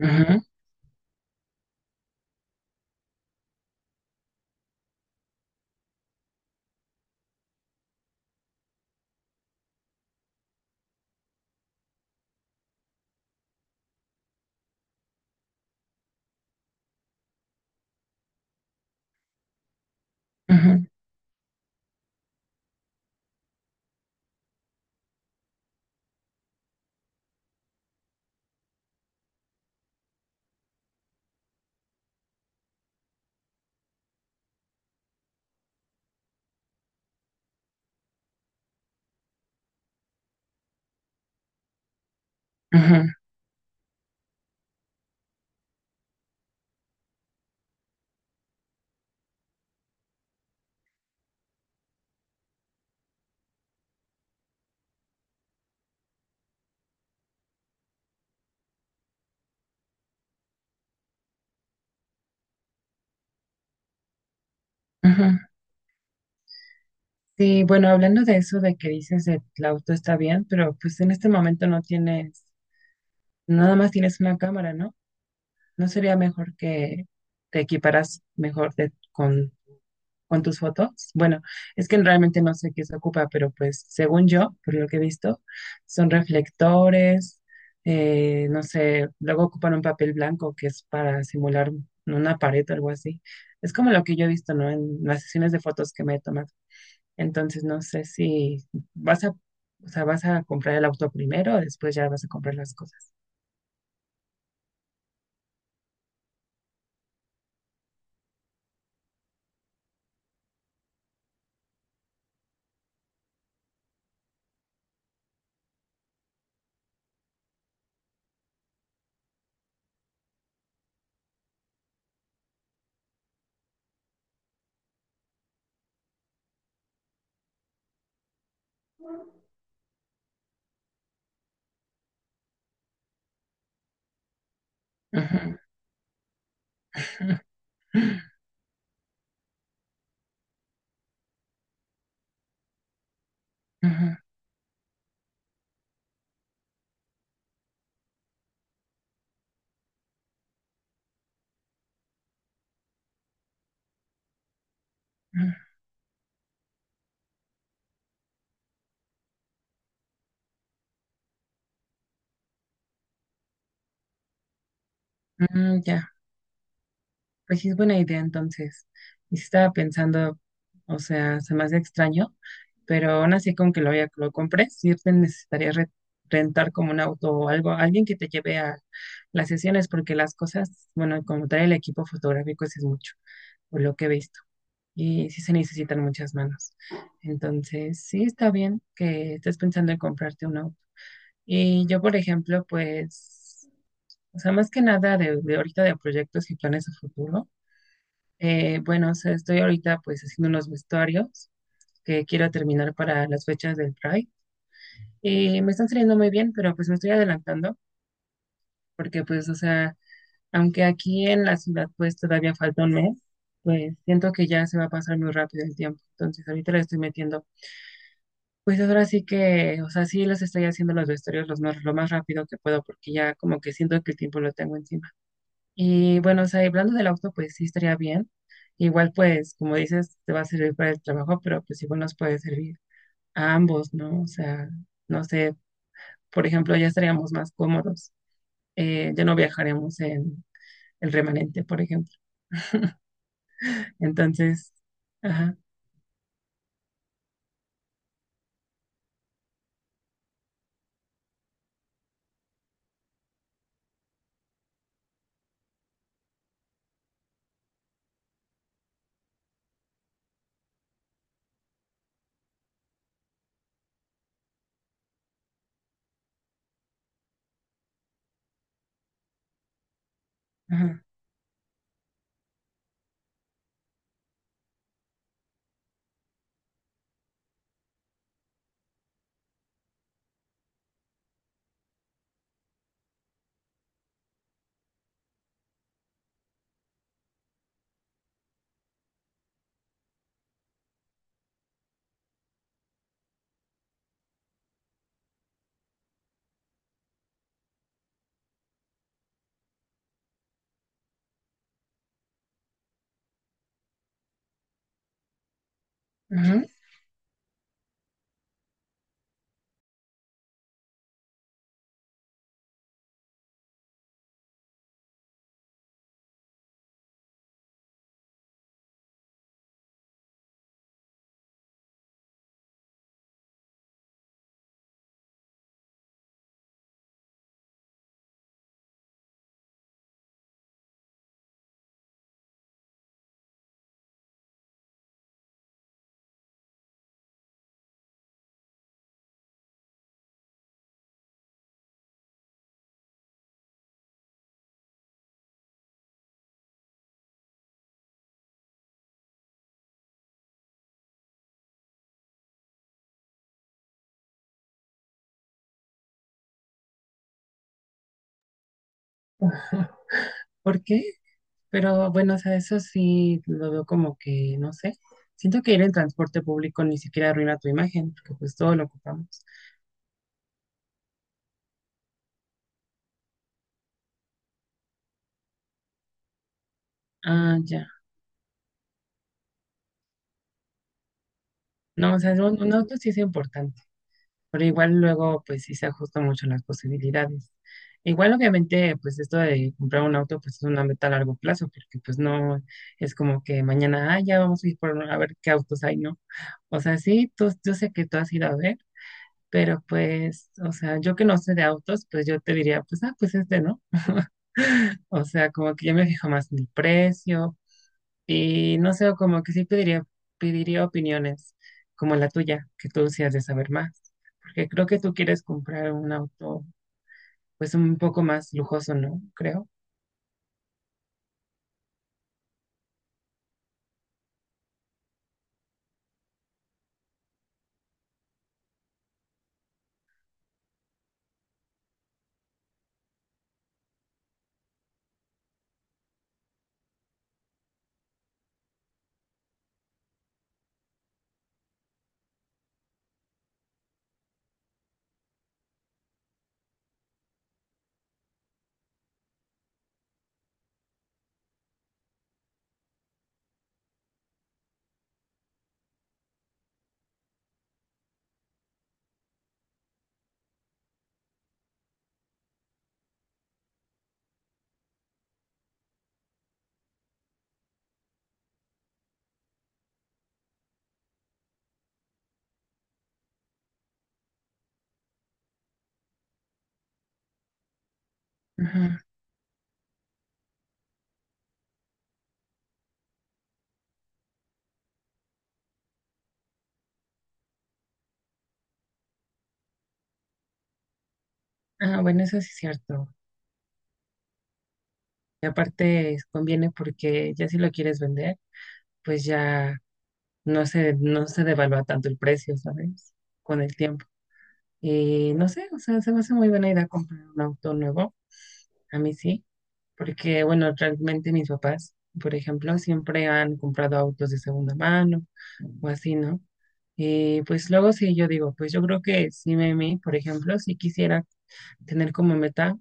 Ujú, ujú, ujú, ujú. Sí, bueno, hablando de eso de que dices el auto está bien, pero pues en este momento no tienes, nada más tienes una cámara, ¿no? ¿No sería mejor que te equiparas mejor con tus fotos? Bueno, es que realmente no sé qué se ocupa, pero pues según yo, por lo que he visto, son reflectores, no sé, luego ocupan un papel blanco que es para simular una pared o algo así. Es como lo que yo he visto, ¿no? En las sesiones de fotos que me he tomado. Entonces no sé si o sea, vas a comprar el auto primero o después ya vas a comprar las cosas. Ujú. Ujú, ujú. Mm, ya, pues sí es buena idea entonces. Y sí estaba pensando, o sea, se me hace extraño, pero aún así con que lo compres, sí te necesitaría rentar como un auto o algo, alguien que te lleve a las sesiones, porque las cosas, bueno, como tal el equipo fotográfico, sí es mucho, por lo que he visto. Y sí se necesitan muchas manos. Entonces, sí está bien que estés pensando en comprarte un auto. Y yo, por ejemplo, pues, o sea, más que nada de ahorita de proyectos y planes a futuro. Bueno, o sea, estoy ahorita pues haciendo unos vestuarios que quiero terminar para las fechas del Pride. Y me están saliendo muy bien, pero pues me estoy adelantando porque pues, o sea, aunque aquí en la ciudad pues todavía falta un mes, pues siento que ya se va a pasar muy rápido el tiempo. Entonces, ahorita le estoy metiendo. Pues ahora sí que, o sea, sí los estoy haciendo los vestuarios lo más rápido que puedo porque ya como que siento que el tiempo lo tengo encima. Y bueno, o sea, y hablando del auto, pues sí estaría bien. Igual pues, como dices, te va a servir para el trabajo, pero pues igual nos puede servir a ambos, ¿no? O sea, no sé, por ejemplo, ya estaríamos más cómodos. Ya no viajaremos en el remanente, por ejemplo. Entonces, ajá, ajá, ajá. ¿Por qué? Pero bueno, o sea, eso sí lo veo como que, no sé, siento que ir en transporte público ni siquiera arruina tu imagen, porque pues todo lo ocupamos. Ah, ya. No, o sea, un auto sí es importante, pero igual luego pues sí se ajustan mucho las posibilidades. Igual obviamente pues esto de comprar un auto pues es una meta a largo plazo, porque pues no es como que mañana, ah, ya vamos a ir por a ver qué autos hay, ¿no? O sea, sí, tú, yo sé que tú has ido a ver, pero pues, o sea, yo que no sé de autos, pues yo te diría, pues, ah, pues este, ¿no? O sea, como que yo me fijo más en el precio y no sé, como que sí pediría, pediría opiniones como la tuya, que tú sí has de saber más, porque creo que tú quieres comprar un auto pues un poco más lujoso, ¿no? Creo. Ajá. Ah, bueno, eso sí es cierto. Y aparte conviene porque ya si lo quieres vender, pues ya no se devalúa tanto el precio, ¿sabes? Con el tiempo. Y no sé, o sea, se me hace muy buena idea comprar un auto nuevo. A mí sí. Porque bueno, realmente mis papás, por ejemplo, siempre han comprado autos de segunda mano o así, ¿no? Y pues luego sí, yo digo, pues yo creo que sí, mí, por ejemplo, si quisiera tener como meta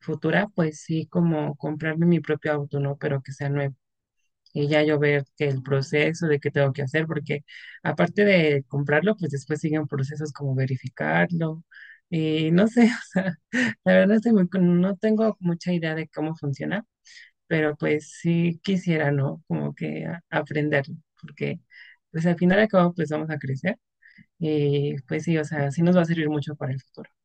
futura, pues sí, como comprarme mi propio auto, ¿no? Pero que sea nuevo. Y ya yo ver que el proceso de qué tengo que hacer, porque aparte de comprarlo, pues después siguen procesos como verificarlo. Y no sé, o sea, la verdad estoy muy no tengo mucha idea de cómo funciona, pero pues sí quisiera, ¿no? Como que aprenderlo, porque pues al final y al cabo pues vamos a crecer y pues sí, o sea, sí nos va a servir mucho para el futuro.